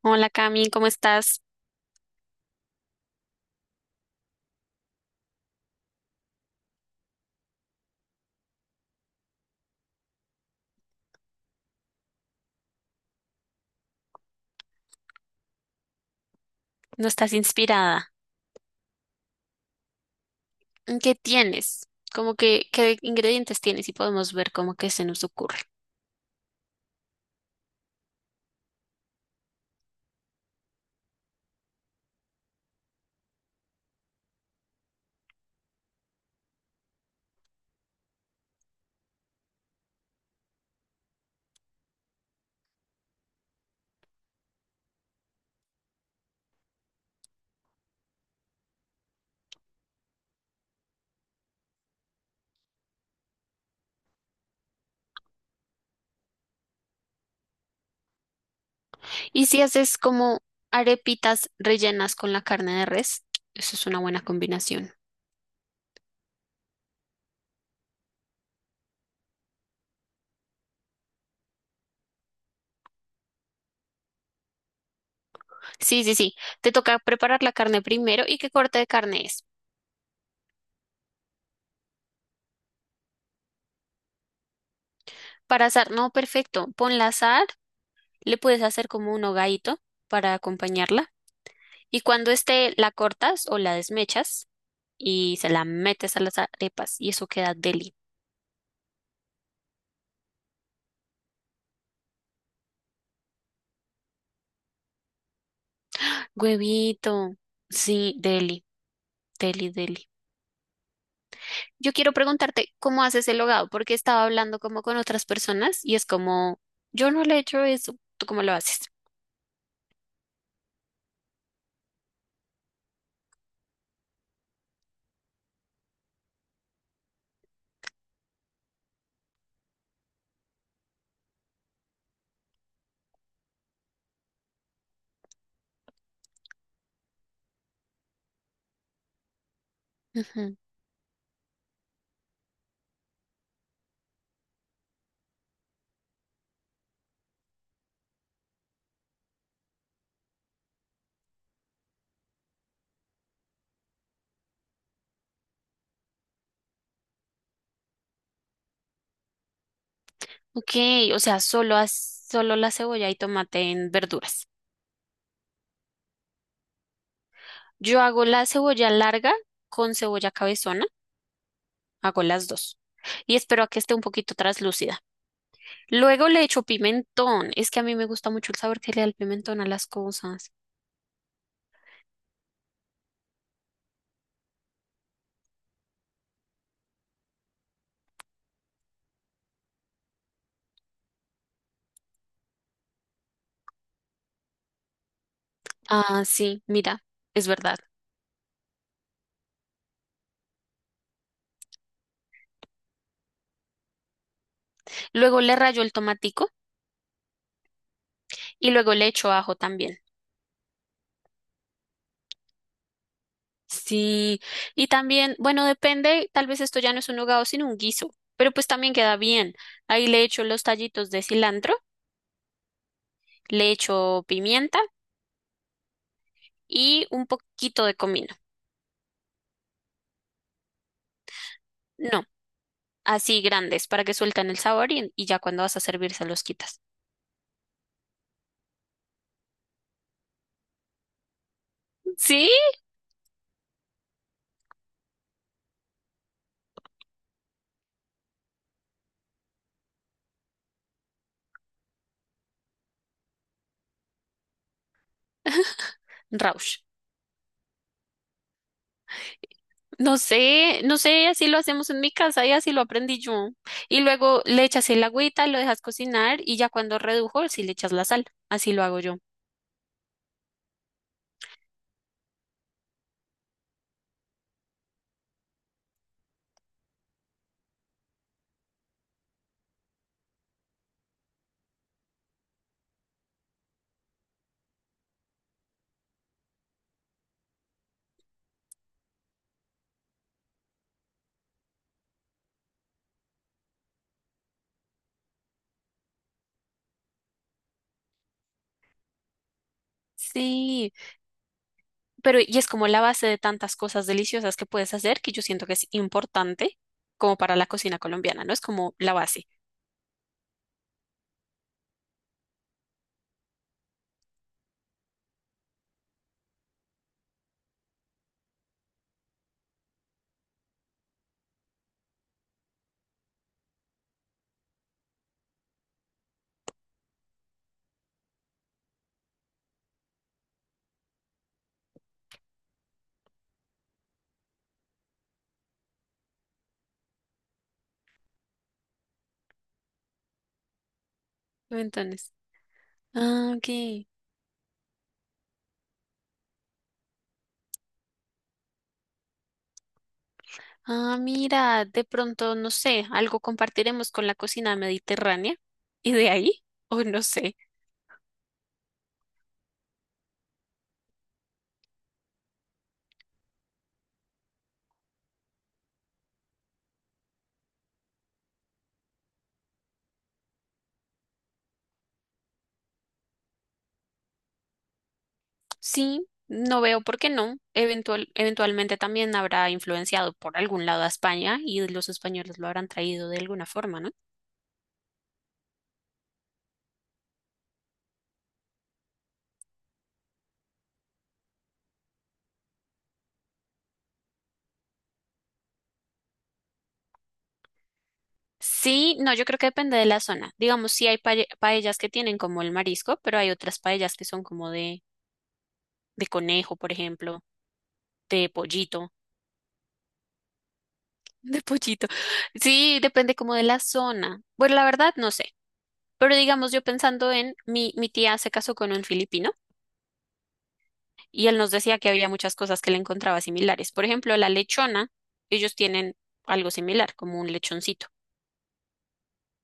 Hola Cami, ¿cómo estás? ¿No estás inspirada? ¿Qué tienes? Como que, ¿qué ingredientes tienes? Y podemos ver cómo que se nos ocurre. Y si haces como arepitas rellenas con la carne de res, eso es una buena combinación. Sí, sí, sí. Te toca preparar la carne primero. ¿Y qué corte de carne es? Para asar, no, perfecto. Ponla a asar, le puedes hacer como un hogadito para acompañarla. Y cuando esté, la cortas o la desmechas y se la metes a las arepas y eso queda deli. Huevito. Sí, deli, deli, deli. Yo quiero preguntarte cómo haces el hogado, porque estaba hablando como con otras personas y es como, yo no le he hecho eso, ¿tú cómo lo haces? Ujú. Ok, o sea, solo, solo la cebolla y tomate en verduras. Yo hago la cebolla larga con cebolla cabezona, hago las dos y espero a que esté un poquito traslúcida. Luego le echo pimentón, es que a mí me gusta mucho el sabor que le da el pimentón a las cosas. Ah, sí, mira, es verdad. Luego le rayo el tomatico y luego le echo ajo también. Sí, y también, bueno, depende, tal vez esto ya no es un hogado sino un guiso, pero pues también queda bien. Ahí le echo los tallitos de cilantro, le echo pimienta y un poquito de comino. No, así grandes para que suelten el sabor y ya cuando vas a servir se los quitas. Sí, Rausch. No sé, no sé, así lo hacemos en mi casa y así lo aprendí yo. Y luego le echas el agüita, lo dejas cocinar y ya cuando redujo, sí le echas la sal. Así lo hago yo. Sí, pero y es como la base de tantas cosas deliciosas que puedes hacer que yo siento que es importante como para la cocina colombiana, ¿no? Es como la base. Entonces, ah, ok. Ah, mira, de pronto, no sé, algo compartiremos con la cocina mediterránea y de ahí, o no sé. Sí, no veo por qué no. Eventualmente también habrá influenciado por algún lado a España y los españoles lo habrán traído de alguna forma, ¿no? Sí, no, yo creo que depende de la zona. Digamos, sí hay paellas que tienen como el marisco, pero hay otras paellas que son como de conejo, por ejemplo, de pollito, de pollito. Sí, depende como de la zona. Bueno, la verdad, no sé. Pero digamos, yo pensando en mi tía se casó con un filipino. Y él nos decía que había muchas cosas que le encontraba similares. Por ejemplo, la lechona, ellos tienen algo similar, como un lechoncito.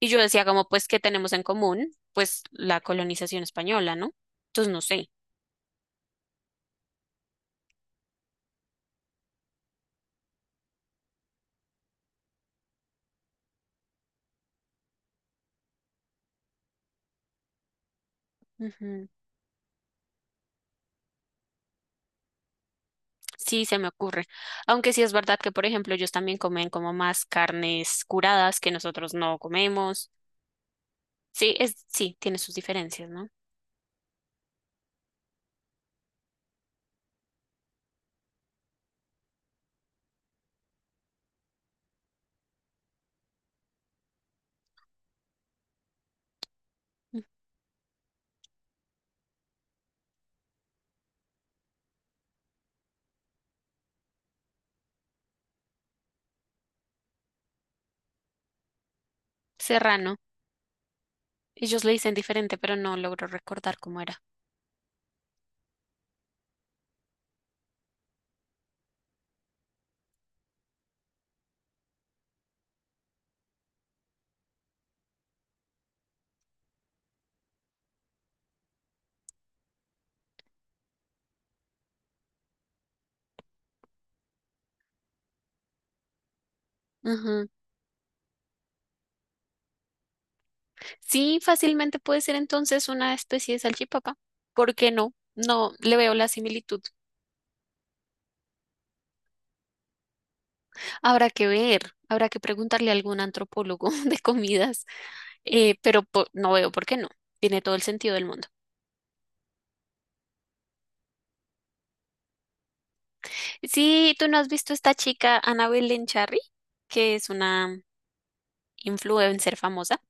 Y yo decía como, pues, ¿qué tenemos en común? Pues la colonización española, ¿no? Entonces, no sé. Ujú. Sí, se me ocurre. Aunque sí es verdad que, por ejemplo, ellos también comen como más carnes curadas que nosotros no comemos. Sí, es, sí, tiene sus diferencias, ¿no? Ujú. Serrano. Ellos le dicen diferente, pero no logro recordar cómo era. Ujú. Sí, fácilmente puede ser entonces una especie de salchipapa. ¿Por qué no? No le veo la similitud. Habrá que ver, habrá que preguntarle a algún antropólogo de comidas, pero no veo por qué no. Tiene todo el sentido del mundo. Sí, tú no has visto esta chica, Annabel Lencharry, que es una influencer famosa,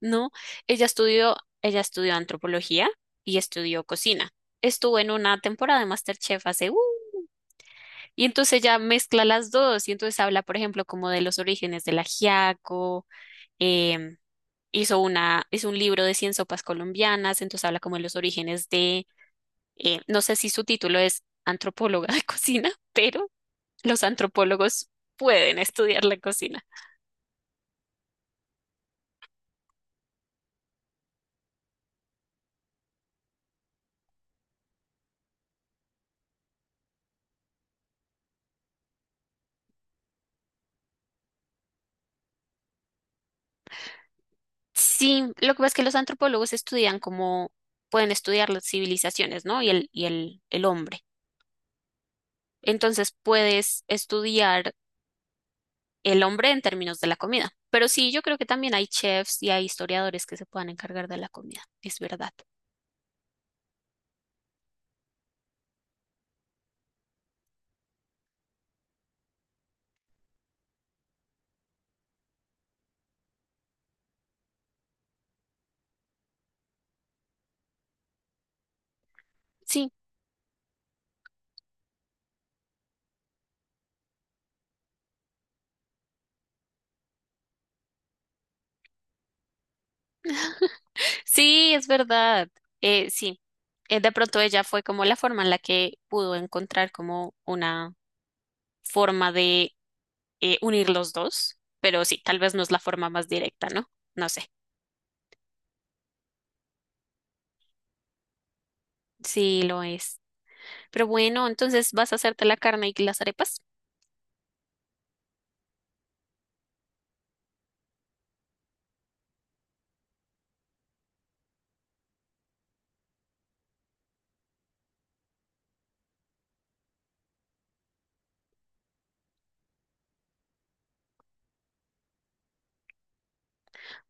¿no? Ella estudió, ella estudió antropología y estudió cocina. Estuvo en una temporada de MasterChef hace, ¡uh! Y entonces ya mezcla las dos y entonces habla, por ejemplo, como de los orígenes del ajiaco, em, hizo un libro de 100 sopas colombianas, entonces habla como de los orígenes de, no sé si su título es antropóloga de cocina, pero los antropólogos pueden estudiar la cocina. Sí, lo que pasa es que los antropólogos estudian como, pueden estudiar las civilizaciones, ¿no? El hombre. Entonces puedes estudiar el hombre en términos de la comida. Pero sí, yo creo que también hay chefs y hay historiadores que se puedan encargar de la comida. Es verdad. Sí, sí, es verdad. Eh, sí, de pronto ella fue como la forma en la que pudo encontrar como una forma de unir los dos. Pero sí, tal vez no es la forma más directa, ¿no? No sé. Sí, lo es. Pero bueno, entonces vas a hacerte la carne y las arepas.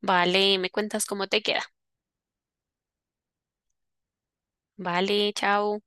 Vale, me cuentas cómo te queda. Vale, chao.